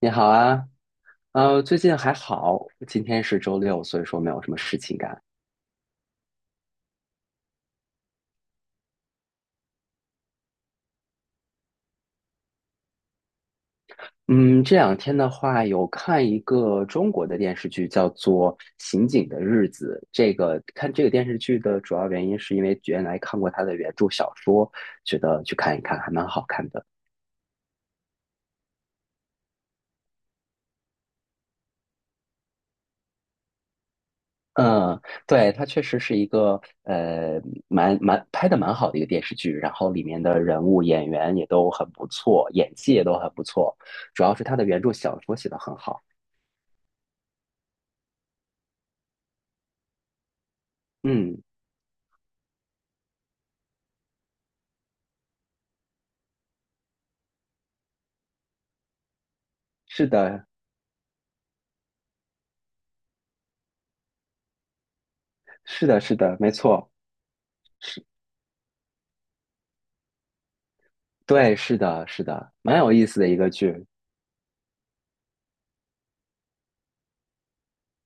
你好啊，最近还好，今天是周六，所以说没有什么事情干。嗯，这两天的话，有看一个中国的电视剧，叫做《刑警的日子》。这个看这个电视剧的主要原因，是因为原来看过他的原著小说，觉得去看一看，还蛮好看的。嗯，对，它确实是一个呃，蛮拍的蛮好的一个电视剧，然后里面的人物演员也都很不错，演技也都很不错，主要是他的原著小说写得很好。嗯，是的，是的，是的，没错，是，对，是的，是的，蛮有意思的一个剧。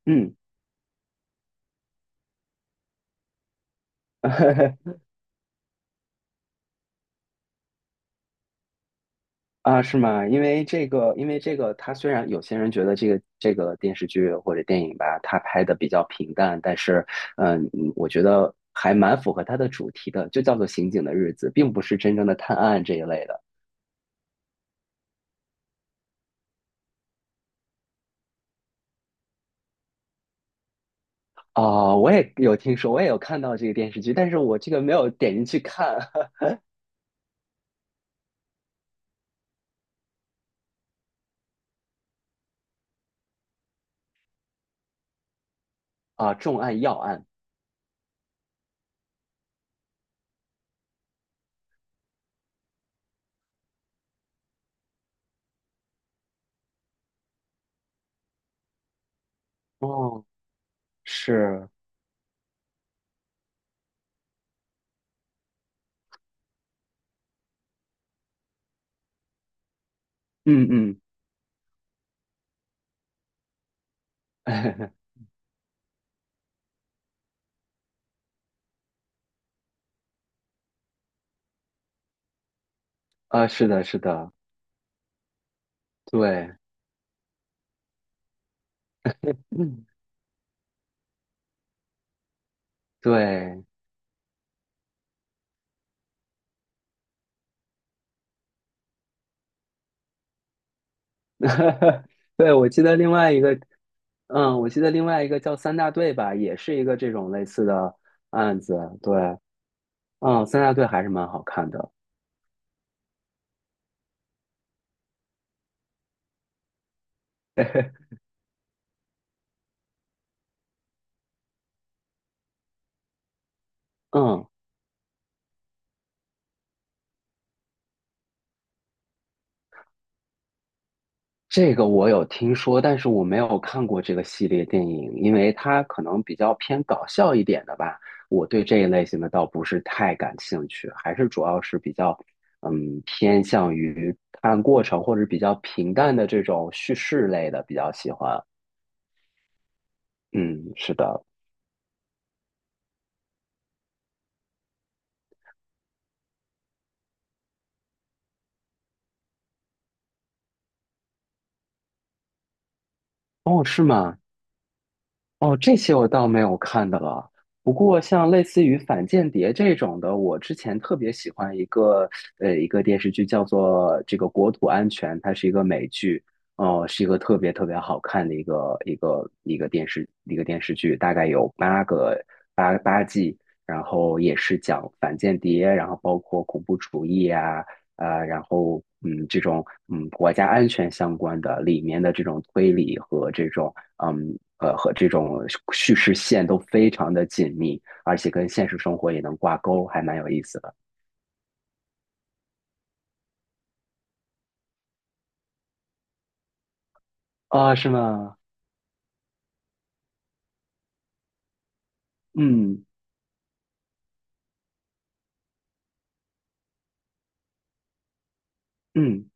嗯，啊，是吗？因为这个，它虽然有些人觉得这个电视剧或者电影吧，它拍的比较平淡，但是，我觉得还蛮符合它的主题的，就叫做《刑警的日子》，并不是真正的探案这一类的。哦，我也有听说，我也有看到这个电视剧，但是我这个没有点进去看 啊，重案要案。哦，是，嗯嗯。啊，是的，是的，对，嗯对，对，我记得另外一个，嗯，我记得另外一个叫三大队吧，也是一个这种类似的案子，对，嗯，三大队还是蛮好看的，嗯。这个我有听说，但是我没有看过这个系列电影，因为它可能比较偏搞笑一点的吧。我对这一类型的倒不是太感兴趣，还是主要是比较，嗯，偏向于看过程或者比较平淡的这种叙事类的比较喜欢。嗯，是的。哦，是吗？哦，这些我倒没有看的了。不过，像类似于反间谍这种的，我之前特别喜欢一个电视剧，叫做这个《国土安全》，它是一个美剧，是一个特别特别好看的一个电视剧，大概有八个八八季，然后也是讲反间谍，然后包括恐怖主义啊，然后这种国家安全相关的里面的这种推理和这种叙事线都非常的紧密，而且跟现实生活也能挂钩，还蛮有意思的。啊，是吗？嗯嗯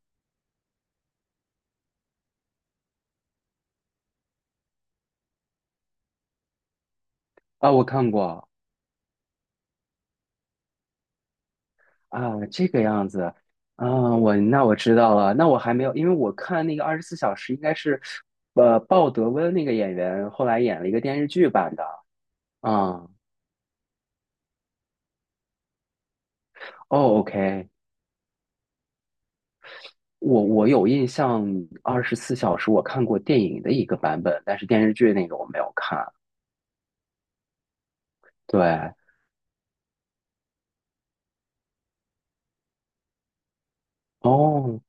啊，我看过啊，这个样子。啊，我那我知道了，那我还没有，因为我看那个《二十四小时》应该是，鲍德温那个演员后来演了一个电视剧版的啊。哦，OK，我有印象，《二十四小时》我看过电影的一个版本，但是电视剧那个我没有看。对，哦，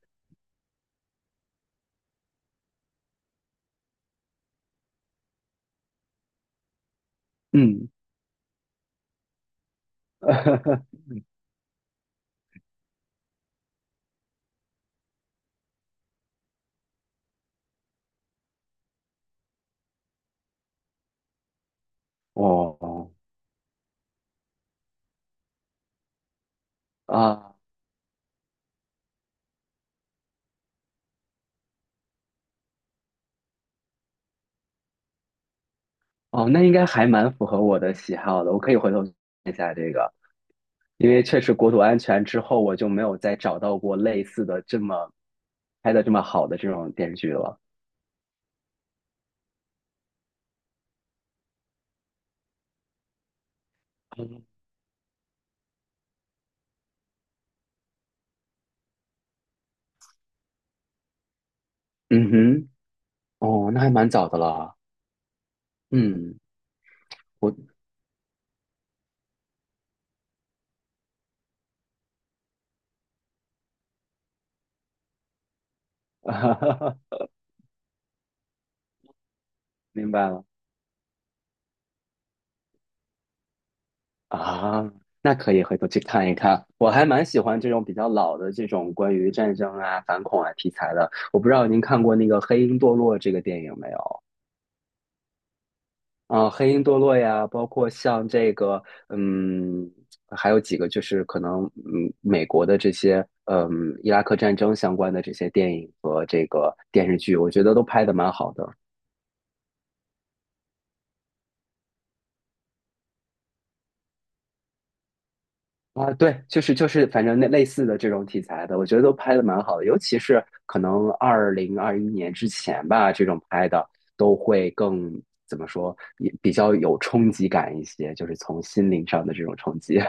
嗯，哦，啊，哦，那应该还蛮符合我的喜好的，我可以回头看一下这个，因为确实国土安全之后，我就没有再找到过类似的这么拍的这么好的这种电视剧了。嗯嗯哼，哦，那还蛮早的了。嗯，我，明白了。啊，那可以回头去看一看。我还蛮喜欢这种比较老的这种关于战争啊、反恐啊题材的。我不知道您看过那个《黑鹰堕落》这个电影没有？啊，《黑鹰堕落》呀，包括像这个，嗯，还有几个就是可能，美国的这些，伊拉克战争相关的这些电影和这个电视剧，我觉得都拍的蛮好的。啊，对，就是，反正那类似的这种题材的，我觉得都拍的蛮好的，尤其是可能2021年之前吧，这种拍的都会更怎么说，也比较有冲击感一些，就是从心灵上的这种冲击。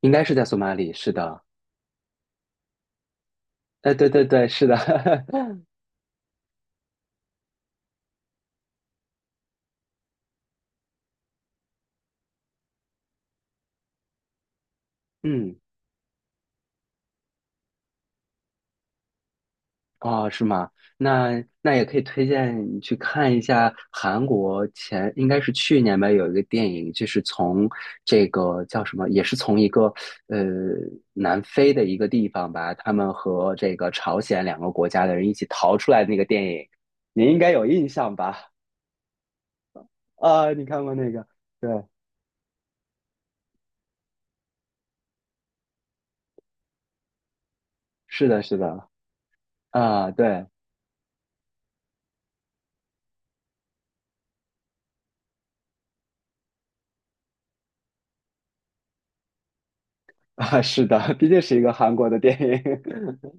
应该是在索马里，是的，哎，对对对，是的，嗯。哦，是吗？那那也可以推荐你去看一下韩国前应该是去年吧，有一个电影，就是从这个叫什么，也是从一个呃南非的一个地方吧，他们和这个朝鲜两个国家的人一起逃出来的那个电影，你应该有印象吧？啊，你看过那个？对，是的，是的，啊，对，啊，是的，毕竟是一个韩国的电影，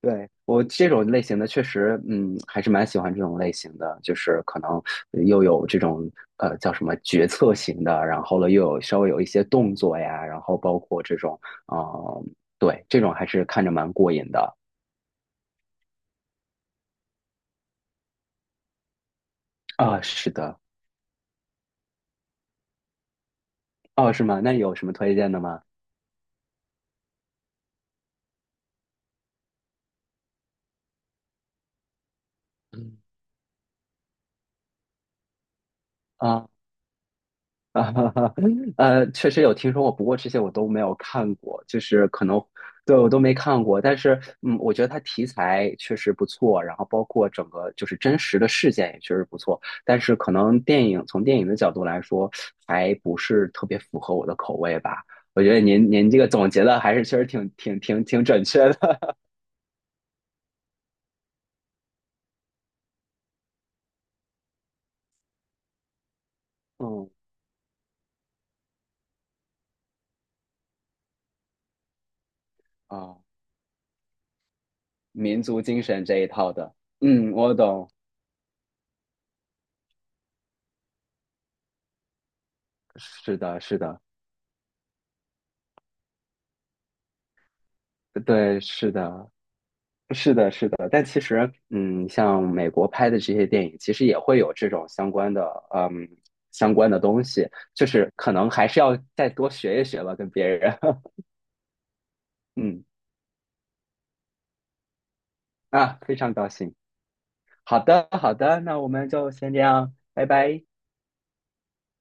对，我这种类型的确实，还是蛮喜欢这种类型的，就是可能又有这种叫什么决策型的，然后了又有稍微有一些动作呀，然后包括这种，呃，对，这种还是看着蛮过瘾的啊，是的，哦，是吗？那有什么推荐的吗？嗯。啊。啊，确实有听说过，不过这些我都没有看过，就是可能对我都没看过。但是，嗯，我觉得它题材确实不错，然后包括整个就是真实的事件也确实不错。但是，可能电影从电影的角度来说，还不是特别符合我的口味吧。我觉得您这个总结的还是确实挺准确的。嗯啊，民族精神这一套的，嗯，我懂。是的，是的，对，是的。是的，是的，但其实，像美国拍的这些电影，其实也会有这种相关的，嗯，东西，就是可能还是要再多学一学吧，跟别人，嗯，啊，非常高兴。好的，好的，那我们就先这样，拜拜。